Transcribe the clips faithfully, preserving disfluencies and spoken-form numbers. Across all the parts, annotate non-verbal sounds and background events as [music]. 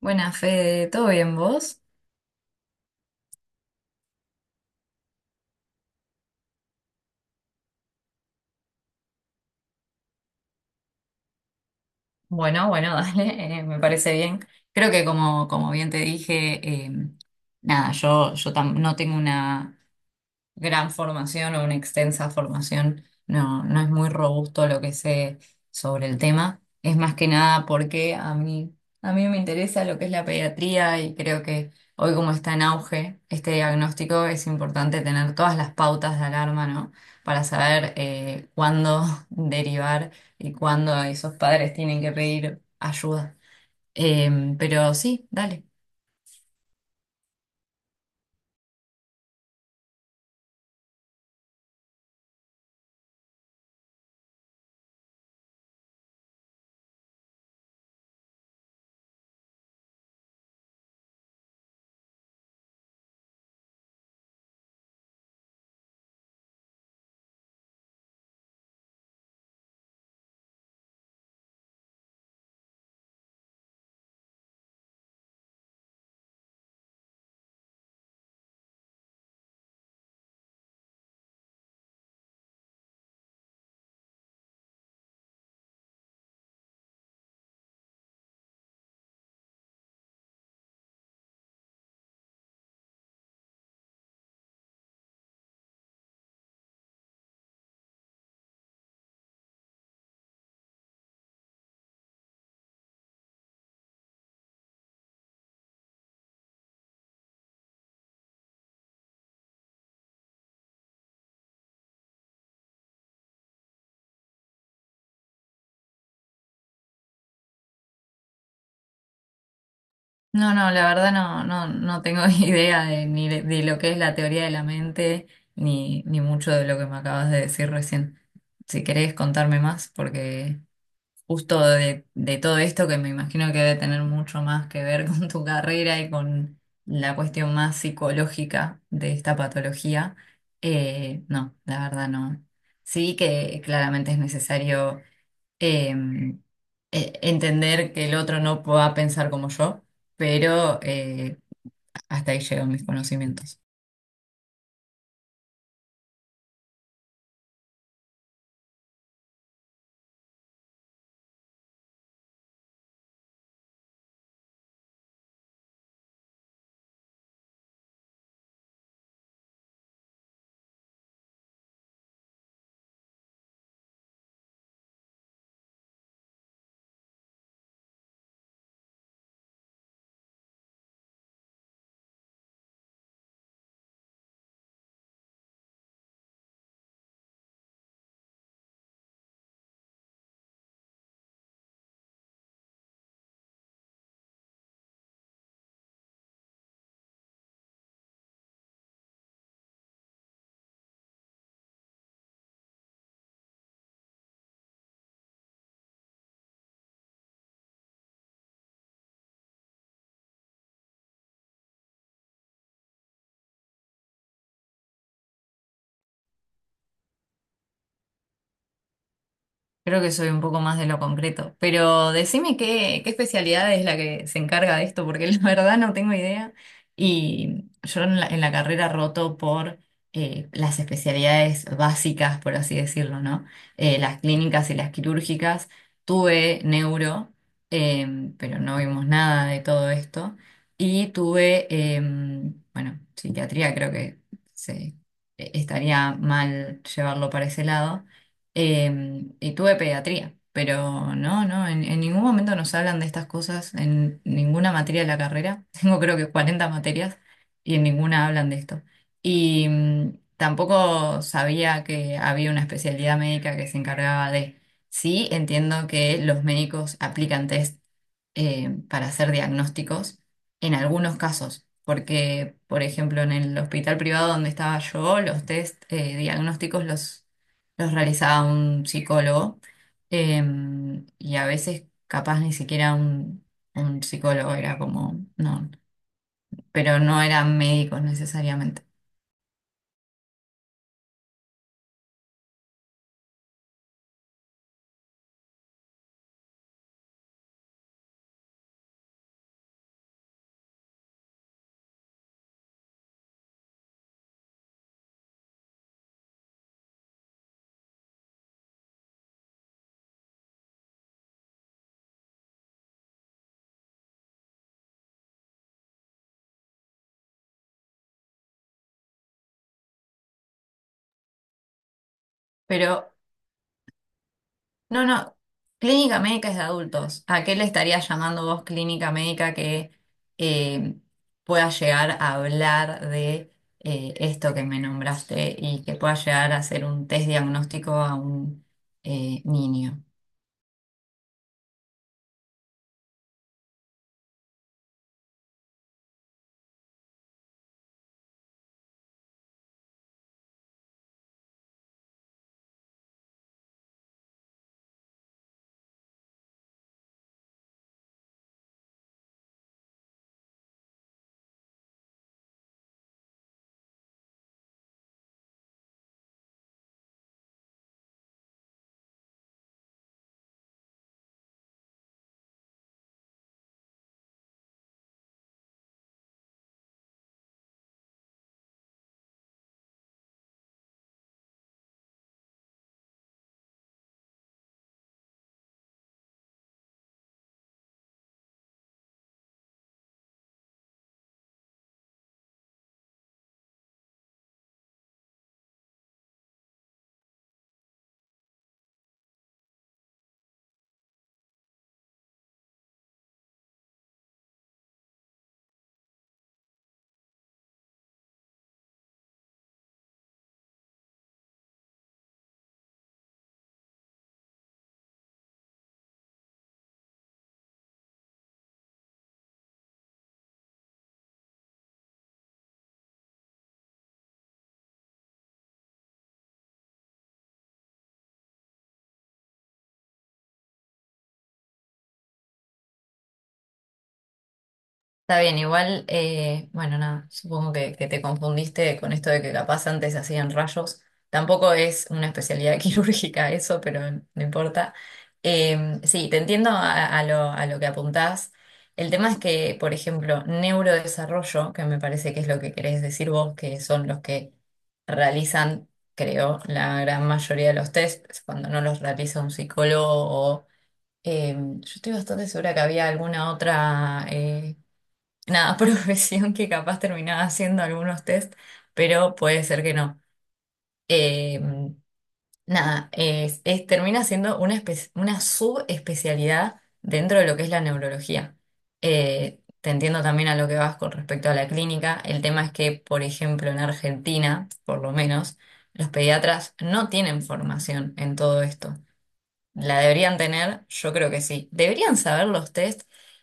Buenas, Fede, ¿todo bien vos? Bueno, bueno, [laughs] dale, eh, me parece bien. Creo que como, como bien te dije, eh, nada, yo, yo tam- no tengo una, gran formación o una extensa formación. No, no es muy robusto lo que sé sobre el tema. Es más que nada porque a mí, a mí me interesa lo que es la pediatría y creo que hoy como está en auge este diagnóstico es importante tener todas las pautas de alarma, ¿no? Para saber eh, cuándo [laughs] derivar y cuándo esos padres tienen que pedir ayuda. Em, pero sí, dale. No, no, la verdad no, no, no tengo [laughs] idea de, ni de, de lo que es la teoría de la mente, ni, ni mucho de lo que me acabas de decir recién. Si querés contarme más, porque justo de, de todo esto, que me imagino que debe tener mucho más que ver [laughs] con tu carrera y con la cuestión más psicológica de esta patología, eh, no, la verdad no. Sí que claramente es necesario em, eh, entender que el otro no pueda pensar como yo, pero eh, hasta ahí llegan mis conocimientos. Creo que soy un poco más de lo concreto, pero decime qué, qué especialidad es la que se encarga de esto, porque [laughs] la verdad no tengo idea. Y yo en la, en la carrera roto por eh, las especialidades básicas, por así decirlo, ¿no? Eh, las clínicas y las quirúrgicas. Tuve neuro, em, pero no vimos nada de todo esto. Y tuve, em, bueno, psiquiatría, creo que se, e, estaría mal llevarlo para ese lado eh, y tuve pediatría, pero no, no, en, en ningún momento nos hablan de estas cosas, en ninguna materia de la carrera. [laughs] Tengo creo que cuarenta materias y en ninguna hablan de esto. Y mm, tampoco sabía que había una especialidad médica que se encargaba de... Sí, entiendo que los médicos aplican test eh, para hacer diagnósticos en algunos casos, porque, por ejemplo, en el hospital privado donde estaba yo, los test eh, diagnósticos los, los realizaba un psicólogo eh, y a veces capaz ni siquiera un, un psicólogo era como, no, pero no eran médicos necesariamente. Pero no, no, clínica médica es de adultos. ¿A qué le estarías llamando vos clínica médica que eh, pueda llegar a hablar de eh, esto que me nombraste y que pueda llegar a hacer un test diagnóstico a un eh, niño? Está bien, igual, eh, bueno, nada, supongo que, que te confundiste con esto de que capaz antes hacían rayos. Tampoco es una especialidad [laughs] quirúrgica eso, pero no importa. Eh, sí, te entiendo a, a lo, a lo que apuntás. El tema es que, por ejemplo, neurodesarrollo, que me parece que es lo que querés decir vos, que son los que realizan, creo, la gran mayoría de los tests, cuando no los realiza un psicólogo o... eh, yo estoy bastante segura que había alguna otra... eh, nada, [laughs] profesión que capaz terminaba haciendo algunos test, pero puede ser que no. Eh, nada, es, es- termina siendo una, espe- una subespecialidad dentro de lo que es la neurología. Eh, te entiendo también a lo que vas con respecto a la clínica. El tema es que, por ejemplo, en Argentina, por lo menos, los pediatras no tienen formación en todo esto. La deberían tener, yo creo que sí. Deberían saber los test.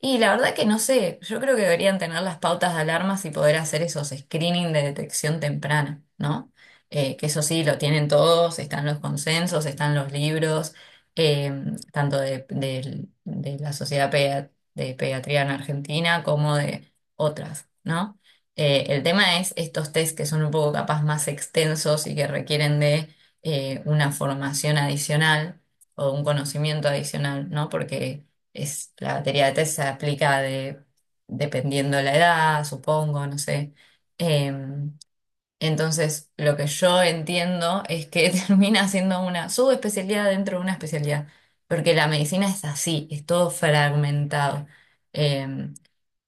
Y la verdad que no sé, yo creo que deberían tener las pautas de alarmas y poder hacer esos screening de detección temprana, ¿no? Eh, que eso sí, lo tienen todos, están los consensos, están los libros, eh, tanto de, de- de la Sociedad Peda- de Pediatría en Argentina como de otras, ¿no? Eh, el tema es estos test que son un poco capaz más extensos y que requieren de eh, una formación adicional o un conocimiento adicional, ¿no? Porque es, la batería de test se aplica de, dependiendo de la edad, supongo, no sé. Eh, entonces, lo que yo entiendo es que [laughs] termina siendo una subespecialidad dentro de una especialidad, porque la medicina es así, es todo fragmentado. Eh,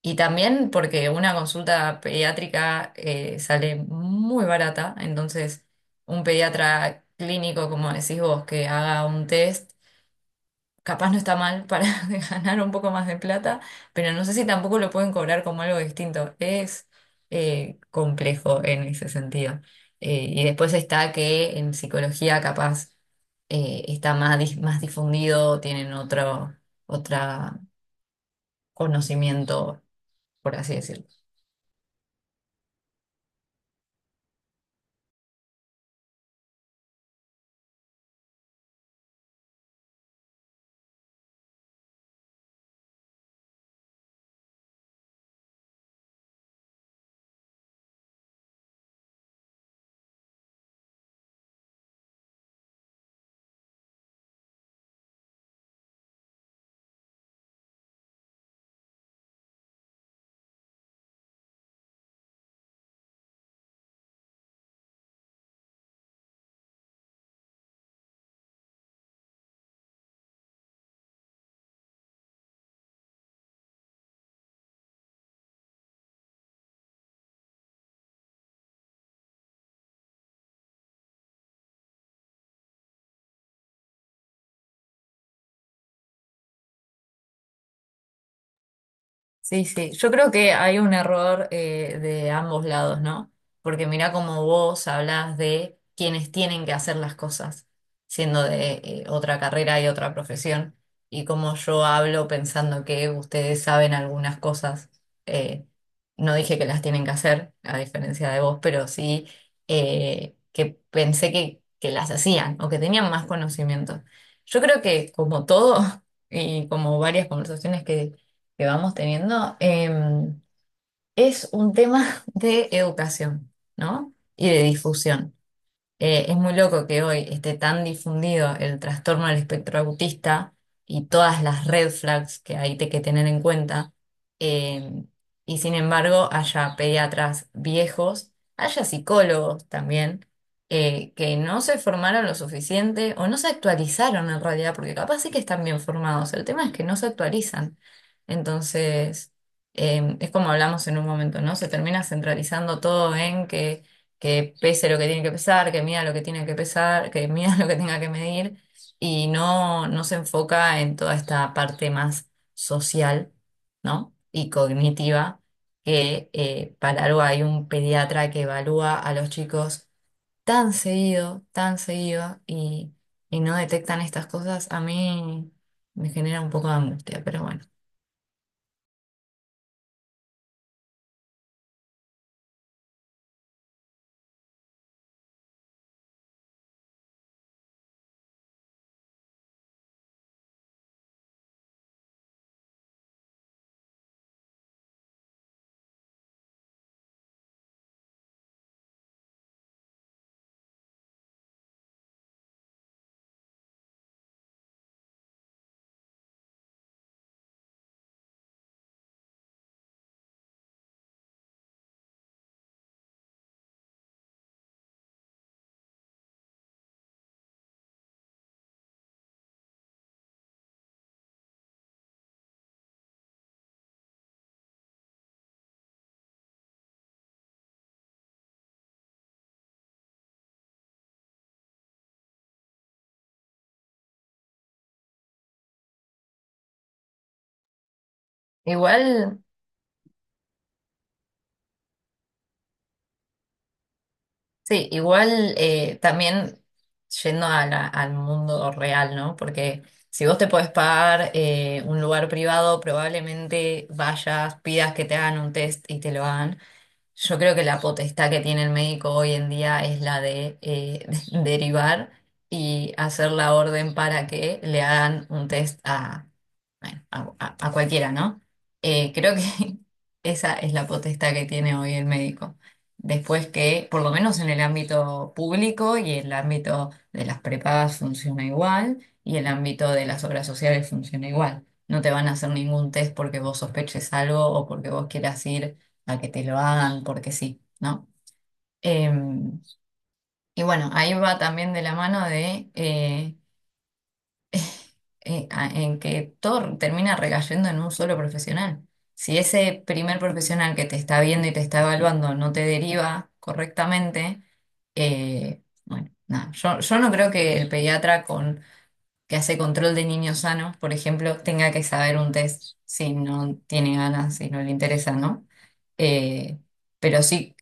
y también porque una consulta pediátrica eh, sale muy barata, entonces un pediatra clínico, como decís vos, que haga un test capaz no está mal para [laughs] ganar un poco más de plata, pero no sé si tampoco lo pueden cobrar como algo distinto. Es eh, complejo en ese sentido. Eh, y después está que en psicología capaz eh, está más, dis- más difundido, tienen otro, otra conocimiento, por así decirlo. Sí, sí, yo creo que hay un error eh, de ambos lados, ¿no? Porque mira cómo vos hablas de quienes tienen que hacer las cosas, siendo de eh, otra carrera y otra profesión, y como yo hablo pensando que ustedes saben algunas cosas, eh, no dije que las tienen que hacer, a diferencia de vos, pero sí eh, que pensé que, que las hacían o que tenían más conocimiento. Yo creo que como todo [laughs] y como varias conversaciones que que vamos teniendo, em, es un tema [laughs] de educación, ¿no? Y de difusión. Eh, es muy loco que hoy esté tan difundido el trastorno del espectro autista y todas las red flags que hay te- que tener en cuenta, eh, y sin embargo haya pediatras viejos, haya psicólogos también, eh, que no se formaron lo suficiente o no se actualizaron en realidad, porque capaz sí que están bien formados, el tema es que no se actualizan. Entonces, eh, es como hablamos en un momento, ¿no? Se termina centralizando todo en que que pese lo que tiene que pesar, que mida lo que tiene que pesar, que mida [laughs] lo que tenga que medir, y no, no se enfoca en toda esta parte más social, ¿no? Y cognitiva, que eh, para algo hay un pediatra que evalúa a los chicos tan seguido, tan seguido, y, y no detectan estas cosas, a mí me genera un poco de angustia, pero bueno. Igual. Sí, igual eh, también yendo a la- al mundo real, ¿no? Porque si vos te podés pagar eh, un lugar privado, probablemente vayas, pidas que te hagan un test y te lo hagan. Yo creo que la potestad que tiene el médico hoy en día es la de eh, [laughs] derivar y hacer la orden para que le hagan un test a, bueno, a, a- a cualquiera, ¿no? Eh, creo que [laughs] esa es la potestad que tiene hoy el médico. Después que, por lo menos en el ámbito público y el ámbito de las prepagas funciona igual y el ámbito de las obras sociales funciona igual. No te van a hacer ningún test porque vos sospeches algo o porque vos quieras ir a que te lo hagan porque sí, ¿no? Em, y bueno, ahí va también de la mano de eh, eh, a- en que todo termina recayendo en un solo profesional. Si ese primer profesional que te está viendo y te está evaluando no te deriva correctamente, eh, bueno, nada, yo, yo no creo que el pediatra con, que hace control de niños sanos, por ejemplo, tenga que saber un test si no tiene ganas, si no le interesa, ¿no? Eh, pero sí.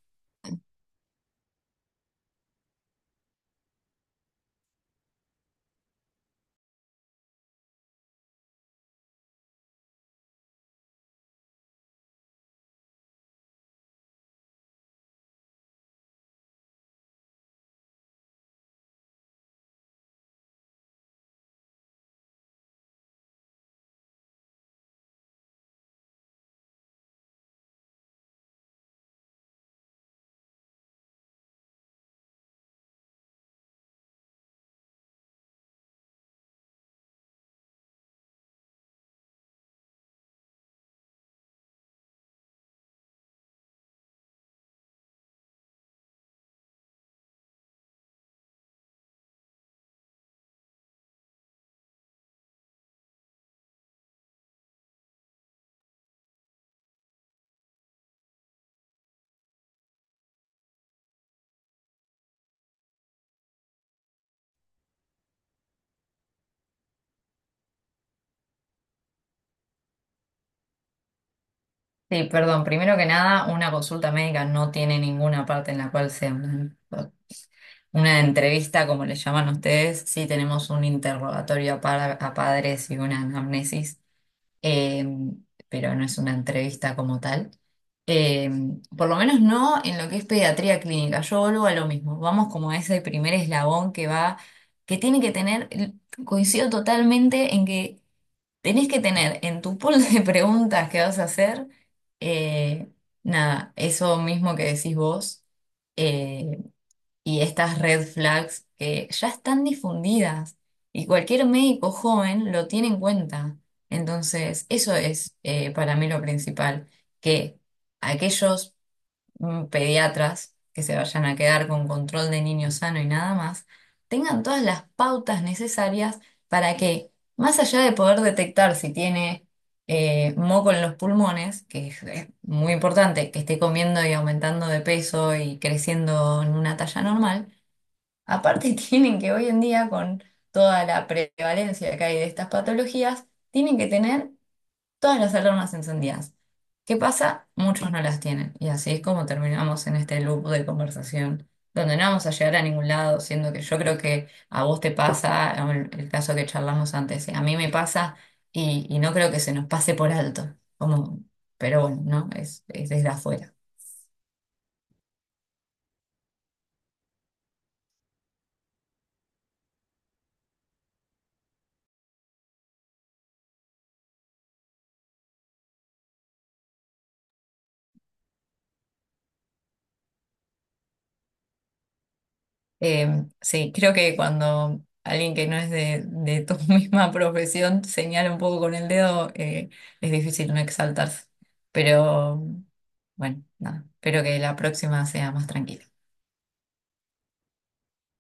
Sí, perdón, primero que nada, una consulta médica no tiene ninguna parte en la cual sea una, una entrevista, como le llaman ustedes. Sí tenemos un interrogatorio a, pa- a padres y una anamnesis, eh, pero no es una entrevista como tal. Eh, por lo menos no en lo que es pediatría clínica. Yo vuelvo a lo mismo. Vamos como a ese primer eslabón que va, que tiene que tener, coincido totalmente en que tenés que tener en tu pool de [laughs] preguntas que vas a hacer, eh, nada, eso mismo que decís vos, eh, y estas red flags que ya están difundidas y cualquier médico joven lo tiene en cuenta. Entonces, eso es eh, para mí lo principal, que aquellos mm, pediatras que se vayan a quedar con control de niño sano y nada más, tengan todas las pautas necesarias para que, más allá de poder detectar si tiene eh, moco en los pulmones, que es, es muy importante, que esté comiendo y aumentando de peso y creciendo en una talla normal, aparte [laughs] tienen que hoy en día, con toda la prevalencia que hay de estas patologías, tienen que tener todas las alarmas encendidas. ¿Qué pasa? Muchos no las tienen. Y así es como terminamos en este loop de conversación, donde no vamos a llegar a ningún lado, siendo que yo creo que a vos te pasa, o el, el caso que charlamos antes, a mí me pasa y, y no creo que se nos pase por alto. Como, pero bueno, ¿no? Es, es desde afuera. Eh, sí, creo que cuando alguien que no es de, de tu [laughs] misma profesión señala un poco con el dedo, eh, es difícil no exaltarse. Pero bueno, nada, espero que la próxima sea más tranquila.